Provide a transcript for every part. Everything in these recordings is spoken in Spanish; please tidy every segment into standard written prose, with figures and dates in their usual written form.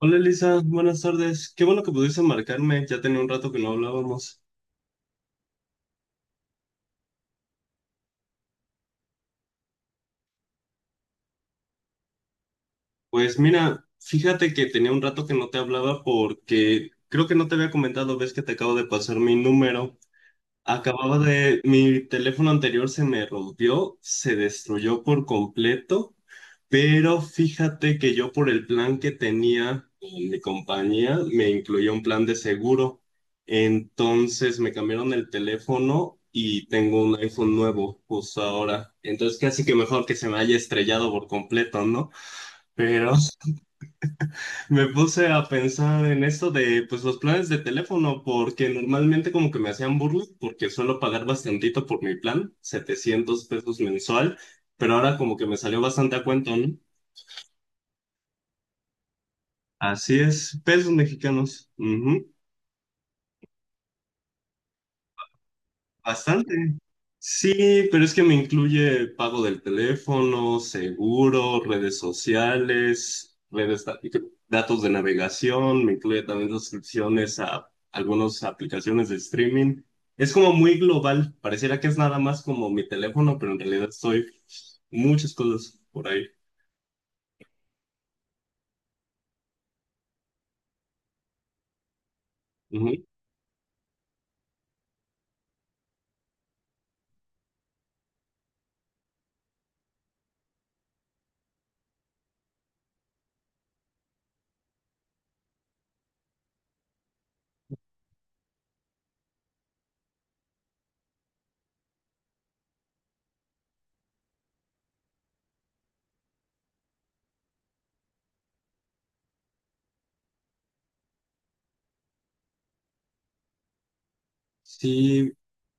Hola Elisa, buenas tardes. Qué bueno que pudiste marcarme, ya tenía un rato que no hablábamos. Pues mira, fíjate que tenía un rato que no te hablaba porque creo que no te había comentado, ves que te acabo de pasar mi número. Mi teléfono anterior se me rompió, se destruyó por completo, pero fíjate que yo por el plan que tenía en mi compañía me incluía un plan de seguro. Entonces me cambiaron el teléfono y tengo un iPhone nuevo justo ahora. Entonces casi que mejor que se me haya estrellado por completo, ¿no? Pero me puse a pensar en esto de pues los planes de teléfono, porque normalmente como que me hacían burla, porque suelo pagar bastantito por mi plan, 700 pesos mensual, pero ahora como que me salió bastante a cuento, ¿no? Así es, pesos mexicanos. Ujú. Bastante. Sí, pero es que me incluye pago del teléfono, seguro, redes sociales, redes datos de navegación, me incluye también suscripciones a algunas aplicaciones de streaming. Es como muy global, pareciera que es nada más como mi teléfono, pero en realidad estoy muchas cosas por ahí. Sí,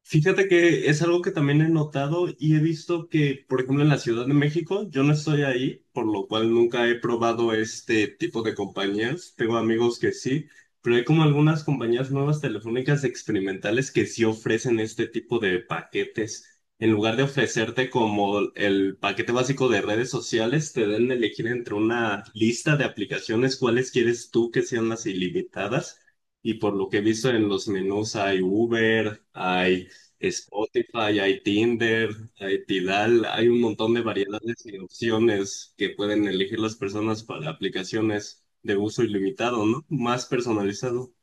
fíjate que es algo que también he notado y he visto que, por ejemplo, en la Ciudad de México, yo no estoy ahí, por lo cual nunca he probado este tipo de compañías. Tengo amigos que sí, pero hay como algunas compañías nuevas telefónicas experimentales que sí ofrecen este tipo de paquetes. En lugar de ofrecerte como el paquete básico de redes sociales, te dan a elegir entre una lista de aplicaciones cuáles quieres tú que sean las ilimitadas y por lo que he visto en los menús hay Uber, hay Spotify, hay Tinder, hay Tidal, hay un montón de variedades y opciones que pueden elegir las personas para aplicaciones de uso ilimitado, ¿no? Más personalizado.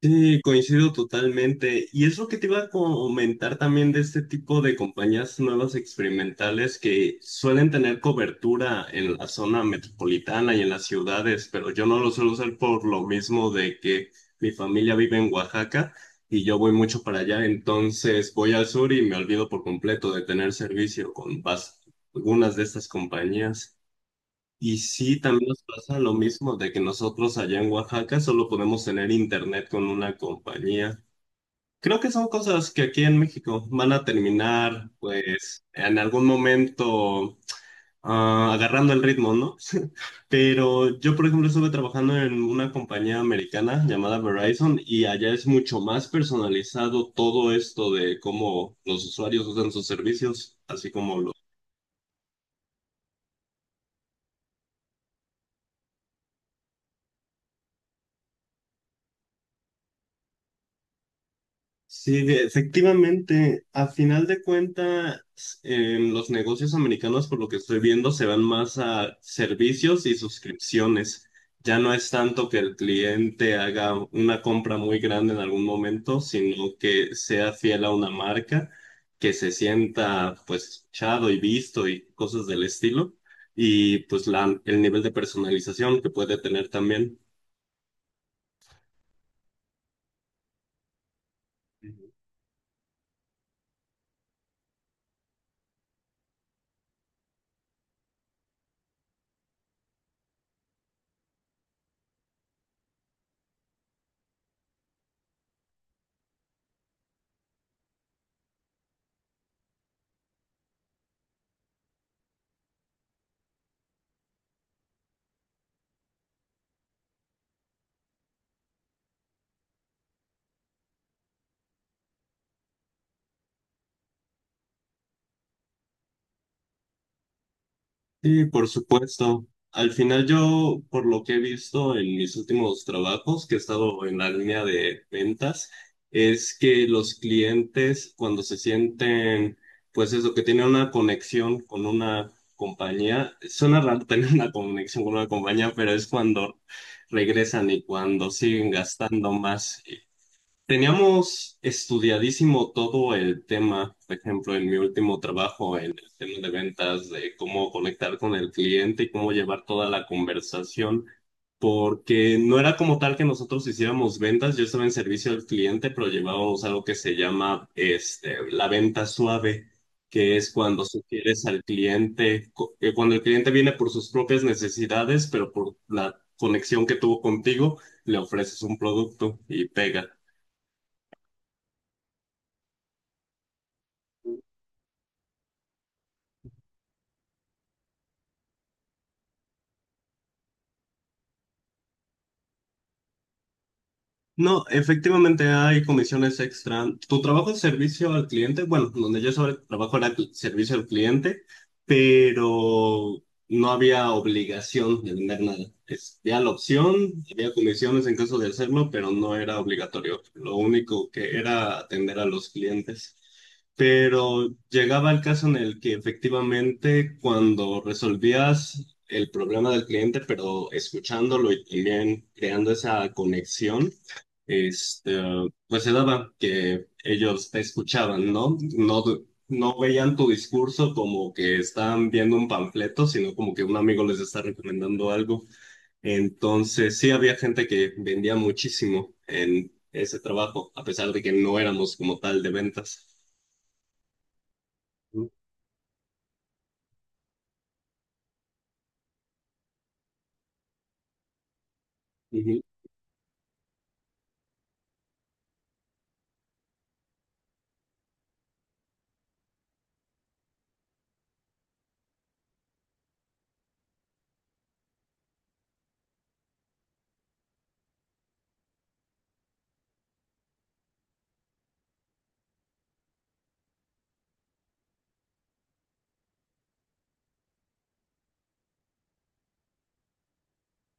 Sí, coincido totalmente. Y es lo que te iba a comentar también de este tipo de compañías nuevas experimentales que suelen tener cobertura en la zona metropolitana y en las ciudades, pero yo no lo suelo usar por lo mismo de que mi familia vive en Oaxaca y yo voy mucho para allá, entonces voy al sur y me olvido por completo de tener servicio con algunas de estas compañías. Y sí, también nos pasa lo mismo de que nosotros allá en Oaxaca solo podemos tener internet con una compañía. Creo que son cosas que aquí en México van a terminar, pues, en algún momento agarrando el ritmo, ¿no? Pero yo, por ejemplo, estuve trabajando en una compañía americana llamada Verizon y allá es mucho más personalizado todo esto de cómo los usuarios usan sus servicios, así como los sí, de- efectivamente, a final de cuentas, los negocios americanos, por lo que estoy viendo, se van más a servicios y suscripciones. Ya no es tanto que el cliente haga una compra muy grande en algún momento, sino que sea fiel a una marca, que se sienta pues chado y visto y cosas del estilo, y pues la, el nivel de personalización que puede tener también. Sí, por supuesto. Al final yo, por lo que he visto en mis últimos trabajos, que he estado en la línea de ventas, es que los clientes cuando se sienten, pues eso, que tienen una conexión con una compañía, suena raro tener una conexión con una compañía, pero es cuando regresan y cuando siguen gastando más. Teníamos estudiadísimo todo el tema, por ejemplo, en mi último trabajo, en el tema de ventas, de cómo conectar con el cliente y cómo llevar toda la conversación, porque no era como tal que nosotros hiciéramos ventas, yo estaba en servicio al cliente, pero llevábamos algo que se llama este, la venta suave, que es cuando sugieres al cliente, cuando el cliente viene por sus propias necesidades, pero por la conexión que tuvo contigo, le ofreces un producto y pega. No, efectivamente hay comisiones extra. Tu trabajo es servicio al cliente, bueno, donde yo sobre trabajo era servicio al cliente, pero no había obligación de vender nada. Es- había la opción, había comisiones en caso de hacerlo, pero no era obligatorio. Lo único que era atender a los clientes. Pero llegaba el caso en el que efectivamente cuando resolvías el problema del cliente, pero escuchándolo y también creando esa conexión, este, pues se daba que ellos te escuchaban, ¿no? No, no veían tu discurso como que estaban viendo un panfleto, sino como que un amigo les está recomendando algo. Entonces, sí había gente que vendía muchísimo en ese trabajo, a pesar de que no éramos como tal de ventas. Ujú.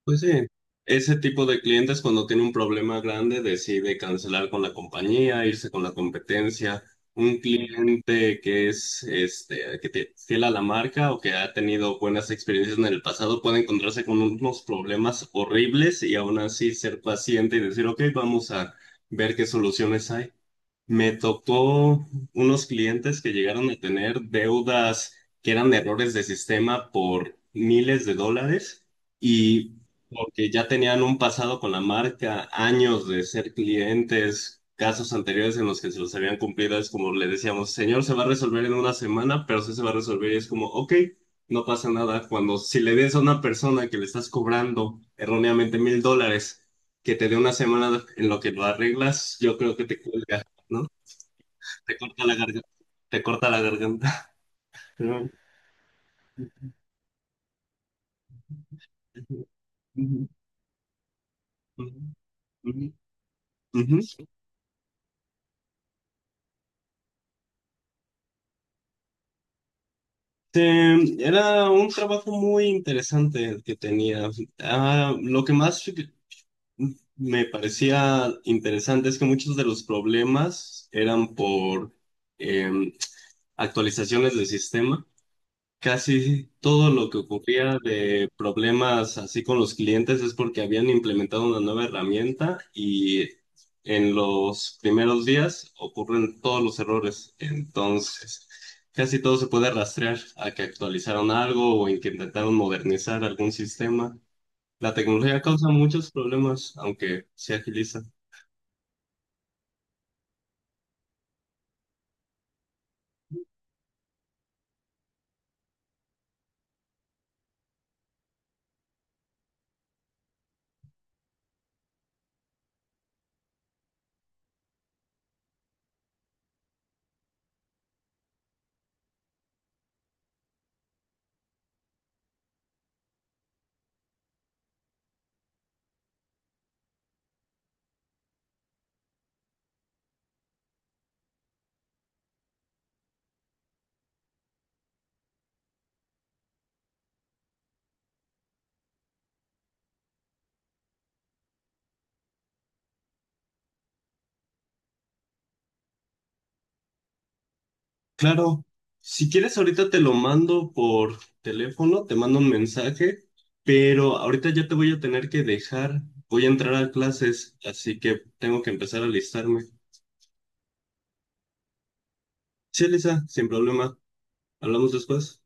Pues sí, ese tipo de clientes cuando tiene un problema grande decide cancelar con la compañía, irse con la competencia. Un cliente que es este, que te, fiel a la marca o que ha tenido buenas experiencias en el pasado puede encontrarse con unos problemas horribles y aún así ser paciente y decir, ok, vamos a ver qué soluciones hay. Me tocó unos clientes que llegaron a tener deudas que eran errores de sistema por miles de dólares y porque ya tenían un pasado con la marca, años de ser clientes, casos anteriores en los que se los habían cumplido, es como le decíamos, señor, se va a resolver en una semana, pero sí se va a resolver y es como, ok, no pasa nada. Cuando si le des a una persona que le estás cobrando erróneamente 1.000 dólares, que te dé una semana en lo que lo arreglas, yo creo que te cuelga. ¿No? Te corta la garganta. Te corta la garganta. Pero- ujú, ujú, ujú, ujú. Este, era un trabajo muy interesante el que tenía. Ah, lo que más me parecía interesante es que muchos de los problemas eran por em, actualizaciones del sistema. Casi sí, todo lo que ocurría de problemas así con los clientes es porque habían implementado una nueva herramienta y en los primeros días ocurren todos los errores. Entonces, casi todo se puede rastrear a que actualizaron algo o en que intentaron modernizar algún sistema. La tecnología causa muchos problemas, aunque se agiliza. Claro, si quieres ahorita te lo mando por teléfono, te mando un mensaje, pero ahorita ya te voy a tener que dejar, voy a entrar a clases, así que tengo que empezar a alistarme. Sí, Elisa, sin problema, hablamos después.